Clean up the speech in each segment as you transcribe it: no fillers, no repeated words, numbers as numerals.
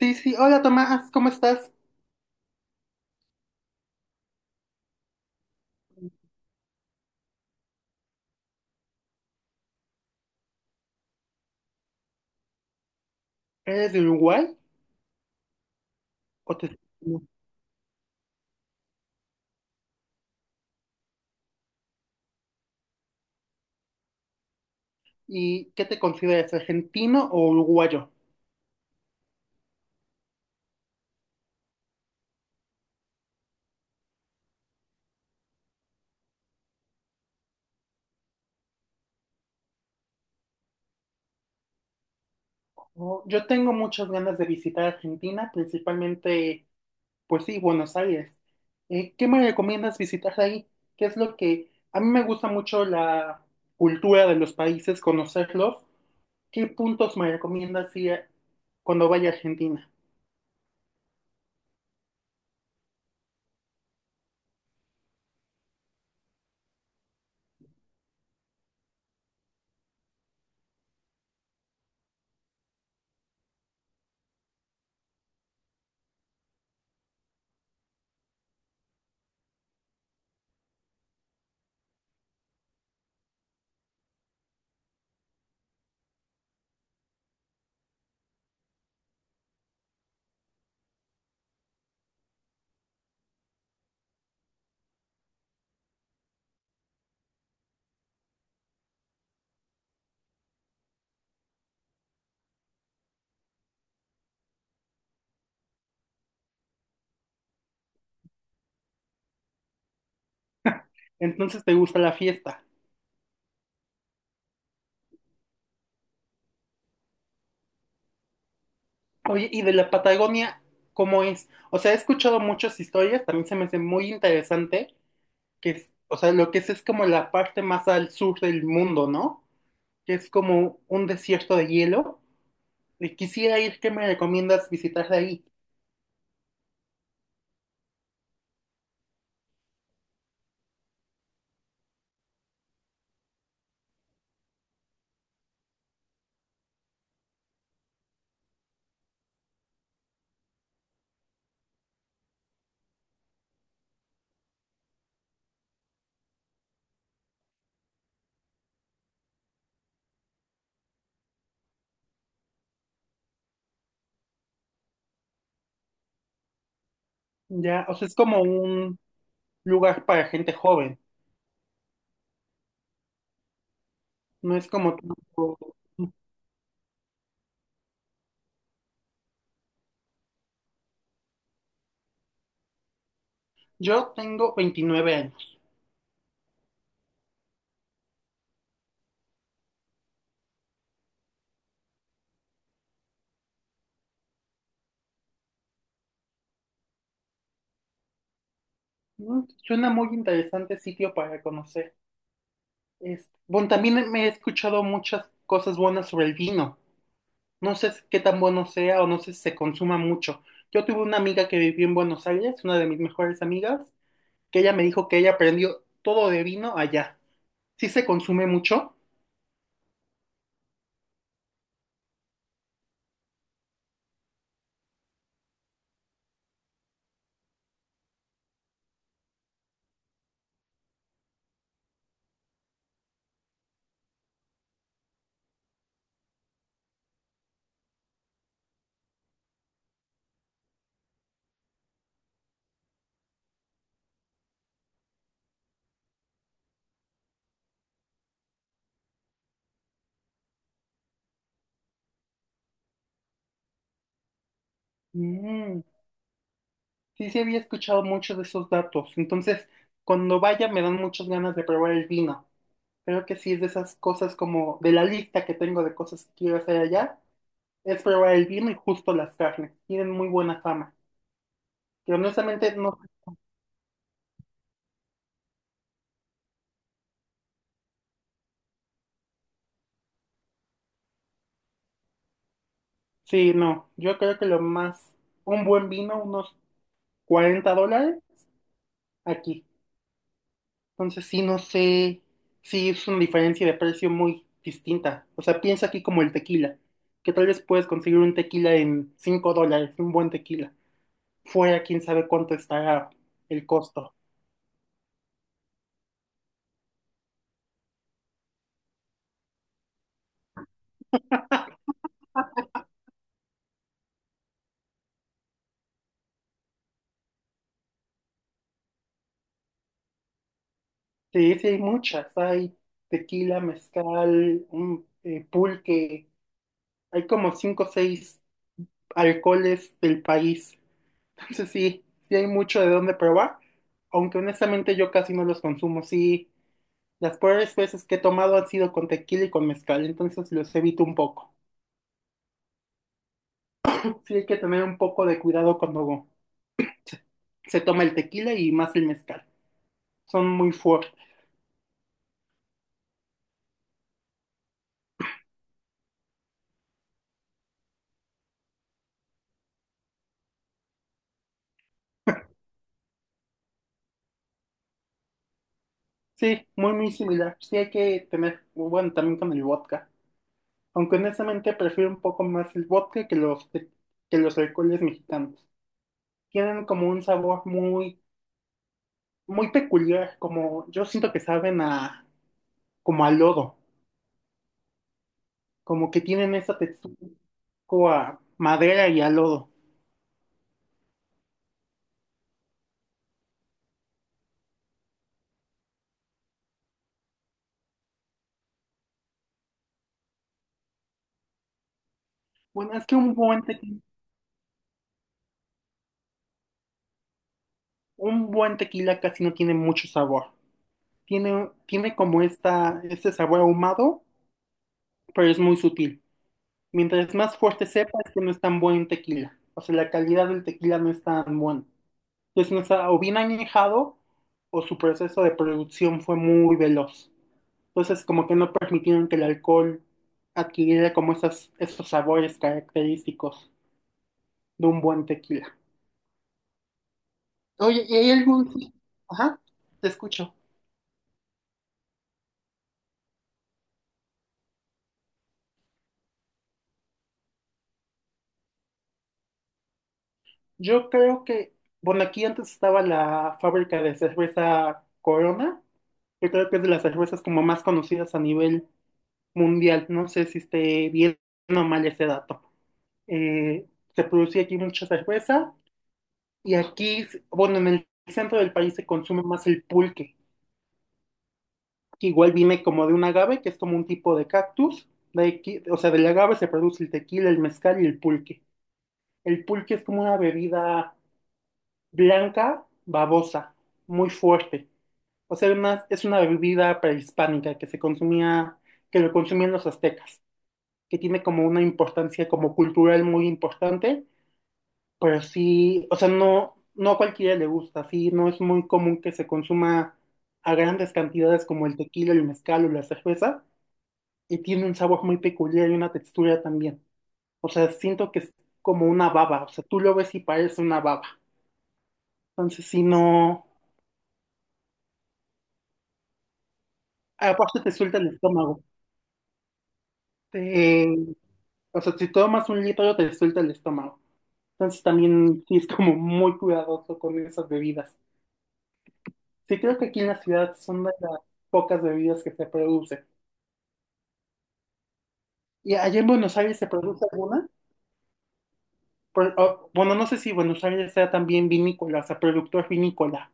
Sí, sí, hola Tomás, ¿cómo estás? ¿Eres de Uruguay o te... ¿Y qué te consideras, argentino o uruguayo? Oh, yo tengo muchas ganas de visitar Argentina, principalmente, pues sí, Buenos Aires. ¿Qué me recomiendas visitar ahí? ¿Qué es lo que... A mí me gusta mucho la cultura de los países, conocerlos. ¿Qué puntos me recomiendas ir cuando vaya a Argentina? Entonces, ¿te gusta la fiesta? Oye, ¿y de la Patagonia cómo es? O sea, he escuchado muchas historias, también se me hace muy interesante, que es, o sea, lo que es como la parte más al sur del mundo, ¿no? Que es como un desierto de hielo. Y quisiera ir, ¿qué me recomiendas visitar de ahí? Ya, o sea, es como un lugar para gente joven, no es como... tanto- Yo tengo 29 años. Suena muy interesante sitio para conocer. Este, bueno, también me he escuchado muchas cosas buenas sobre el vino. No sé qué tan bueno sea o no sé si se consuma mucho. Yo tuve una amiga que vivió en Buenos Aires, una de mis mejores amigas, que ella me dijo que ella aprendió todo de vino allá. ¿Sí se consume mucho? Mm, sí, sí había escuchado mucho de esos datos. Entonces, cuando vaya me dan muchas ganas de probar el vino. Creo que sí es de esas cosas como de la lista que tengo de cosas que quiero hacer allá, es probar el vino y justo las carnes. Tienen muy buena fama. Que honestamente no, sí, no. Yo creo que lo más un buen vino, unos $40 aquí. Entonces sí, no sé, sí es una diferencia de precio muy distinta. O sea, piensa aquí como el tequila, que tal vez puedes conseguir un tequila en $5, un buen tequila. Fuera, quién sabe cuánto estará el costo. Sí, sí hay muchas, hay tequila, mezcal, un, pulque, hay como 5 o 6 alcoholes del país. Entonces sí, sí hay mucho de dónde probar, aunque honestamente yo casi no los consumo, sí. Las peores veces que he tomado han sido con tequila y con mezcal, entonces los evito un poco. Sí hay que tener un poco de cuidado cuando se toma el tequila y más el mezcal. Son muy fuertes. Sí, muy, muy similar. Sí hay que tener, bueno, también con el vodka. Aunque honestamente prefiero un poco más el vodka que los, te- que los alcoholes mexicanos. Tienen como un sabor muy, muy peculiar, como yo siento que saben a, como a lodo, como que tienen esa textura, como a madera y a lodo. Bueno, es que un buen tequila casi no tiene mucho sabor. Tiene, tiene como esta, este sabor ahumado, pero es muy sutil. Mientras más fuerte sepa, es que no es tan buen tequila. O sea, la calidad del tequila no es tan buena. Entonces, no está o bien añejado o su proceso de producción fue muy veloz. Entonces, como que no permitieron que el alcohol adquiriera como esas, esos sabores característicos de un buen tequila. Oye, ¿y hay algún... Ajá, te escucho. Yo creo que, bueno, aquí antes estaba la fábrica de cerveza Corona, que creo que es de las cervezas como más conocidas a nivel mundial. No sé si esté bien o mal ese dato. Eh, Se producía aquí mucha cerveza y aquí, s- bueno, en el centro del país se consume más el pulque, que igual viene como de un agave, que es como un tipo de cactus. De aquí- o sea, del agave se produce el tequila, el mezcal y el pulque. El pulque es como una bebida blanca, babosa, muy fuerte. O sea, además es una bebida prehispánica que se consumía, que lo consumían los aztecas, que tiene como una importancia como cultural muy importante, pero sí, o sea, no, no a cualquiera le gusta, sí, no es muy común que se consuma a grandes cantidades como el tequila, el mezcal o la cerveza, y tiene un sabor muy peculiar y una textura también. O sea, siento que es como una baba, o sea, tú lo ves y parece una baba. Entonces, sí, no. Aparte te suelta el estómago. Te- o sea, si tomas un litro te suelta el estómago. Entonces también sí es como muy cuidadoso con esas bebidas. Sí, creo que aquí en la ciudad son de las pocas bebidas que se producen. ¿Y allá en Buenos Aires se produce alguna? Por- o- bueno, no sé si Buenos Aires sea también vinícola, o sea, productor vinícola.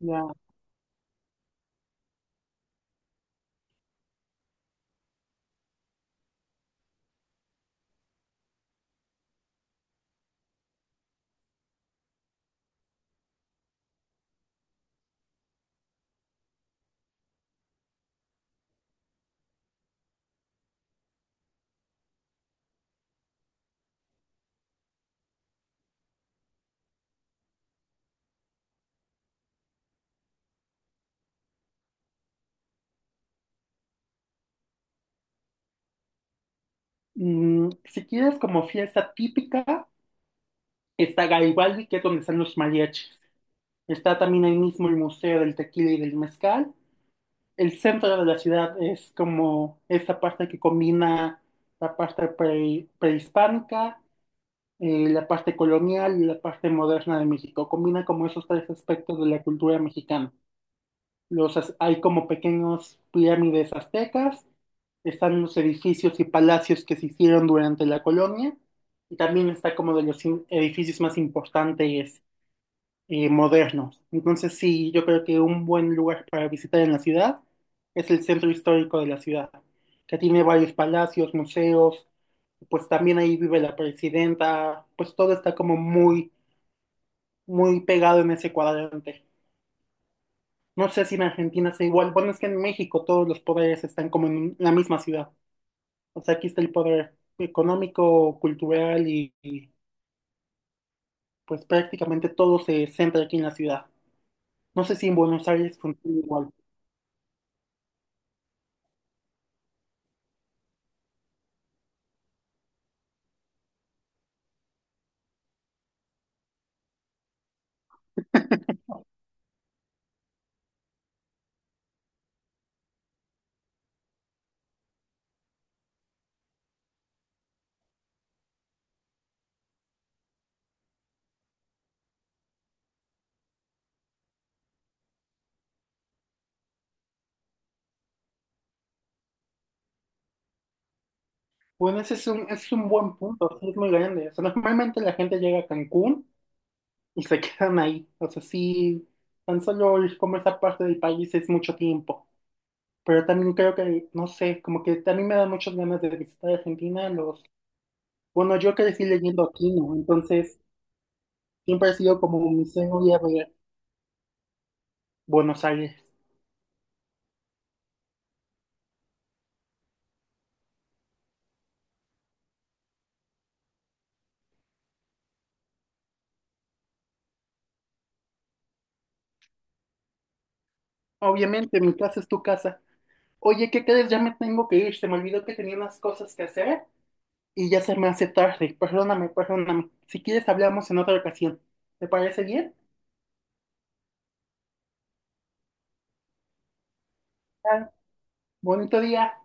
Ya. Mm, si quieres como fiesta típica, está Garibaldi, que es donde están los mariachis. Está también ahí mismo el Museo del Tequila y del Mezcal. El centro de la ciudad es como esa parte que combina la parte prehispánica, la parte colonial y la parte moderna de México. Combina como esos tres aspectos de la cultura mexicana. Los, az- hay como pequeños pirámides aztecas, están los edificios y palacios que se hicieron durante la colonia, y también está como de los edificios más importantes modernos. Entonces sí, yo creo que un buen lugar para visitar en la ciudad es el centro histórico de la ciudad, que tiene varios palacios, museos, pues también ahí vive la presidenta, pues todo está como muy, muy pegado en ese cuadrante. No sé si en Argentina sea igual, bueno, es que en México todos los poderes están como en la misma ciudad. O sea, aquí está el poder económico, cultural y, pues prácticamente todo se centra aquí en la ciudad. No sé si en Buenos Aires funciona igual. Bueno, ese es un buen punto, sí, es muy grande. O sea, normalmente la gente llega a Cancún y se quedan ahí. O sea, sí, tan solo ir como esa parte del país es mucho tiempo. Pero también creo que, no sé, como que también me da muchas ganas de visitar Argentina. Los, bueno, yo crecí leyendo aquí, ¿no? Entonces, siempre ha sido como mi sueño ir a ver Buenos Aires. Obviamente, mi casa es tu casa. Oye, ¿qué crees? Ya me tengo que ir. Se me olvidó que tenía unas cosas que hacer. Y ya se me hace tarde. Perdóname, perdóname. Si quieres, hablamos en otra ocasión. ¿Te parece bien? Ah, bonito día.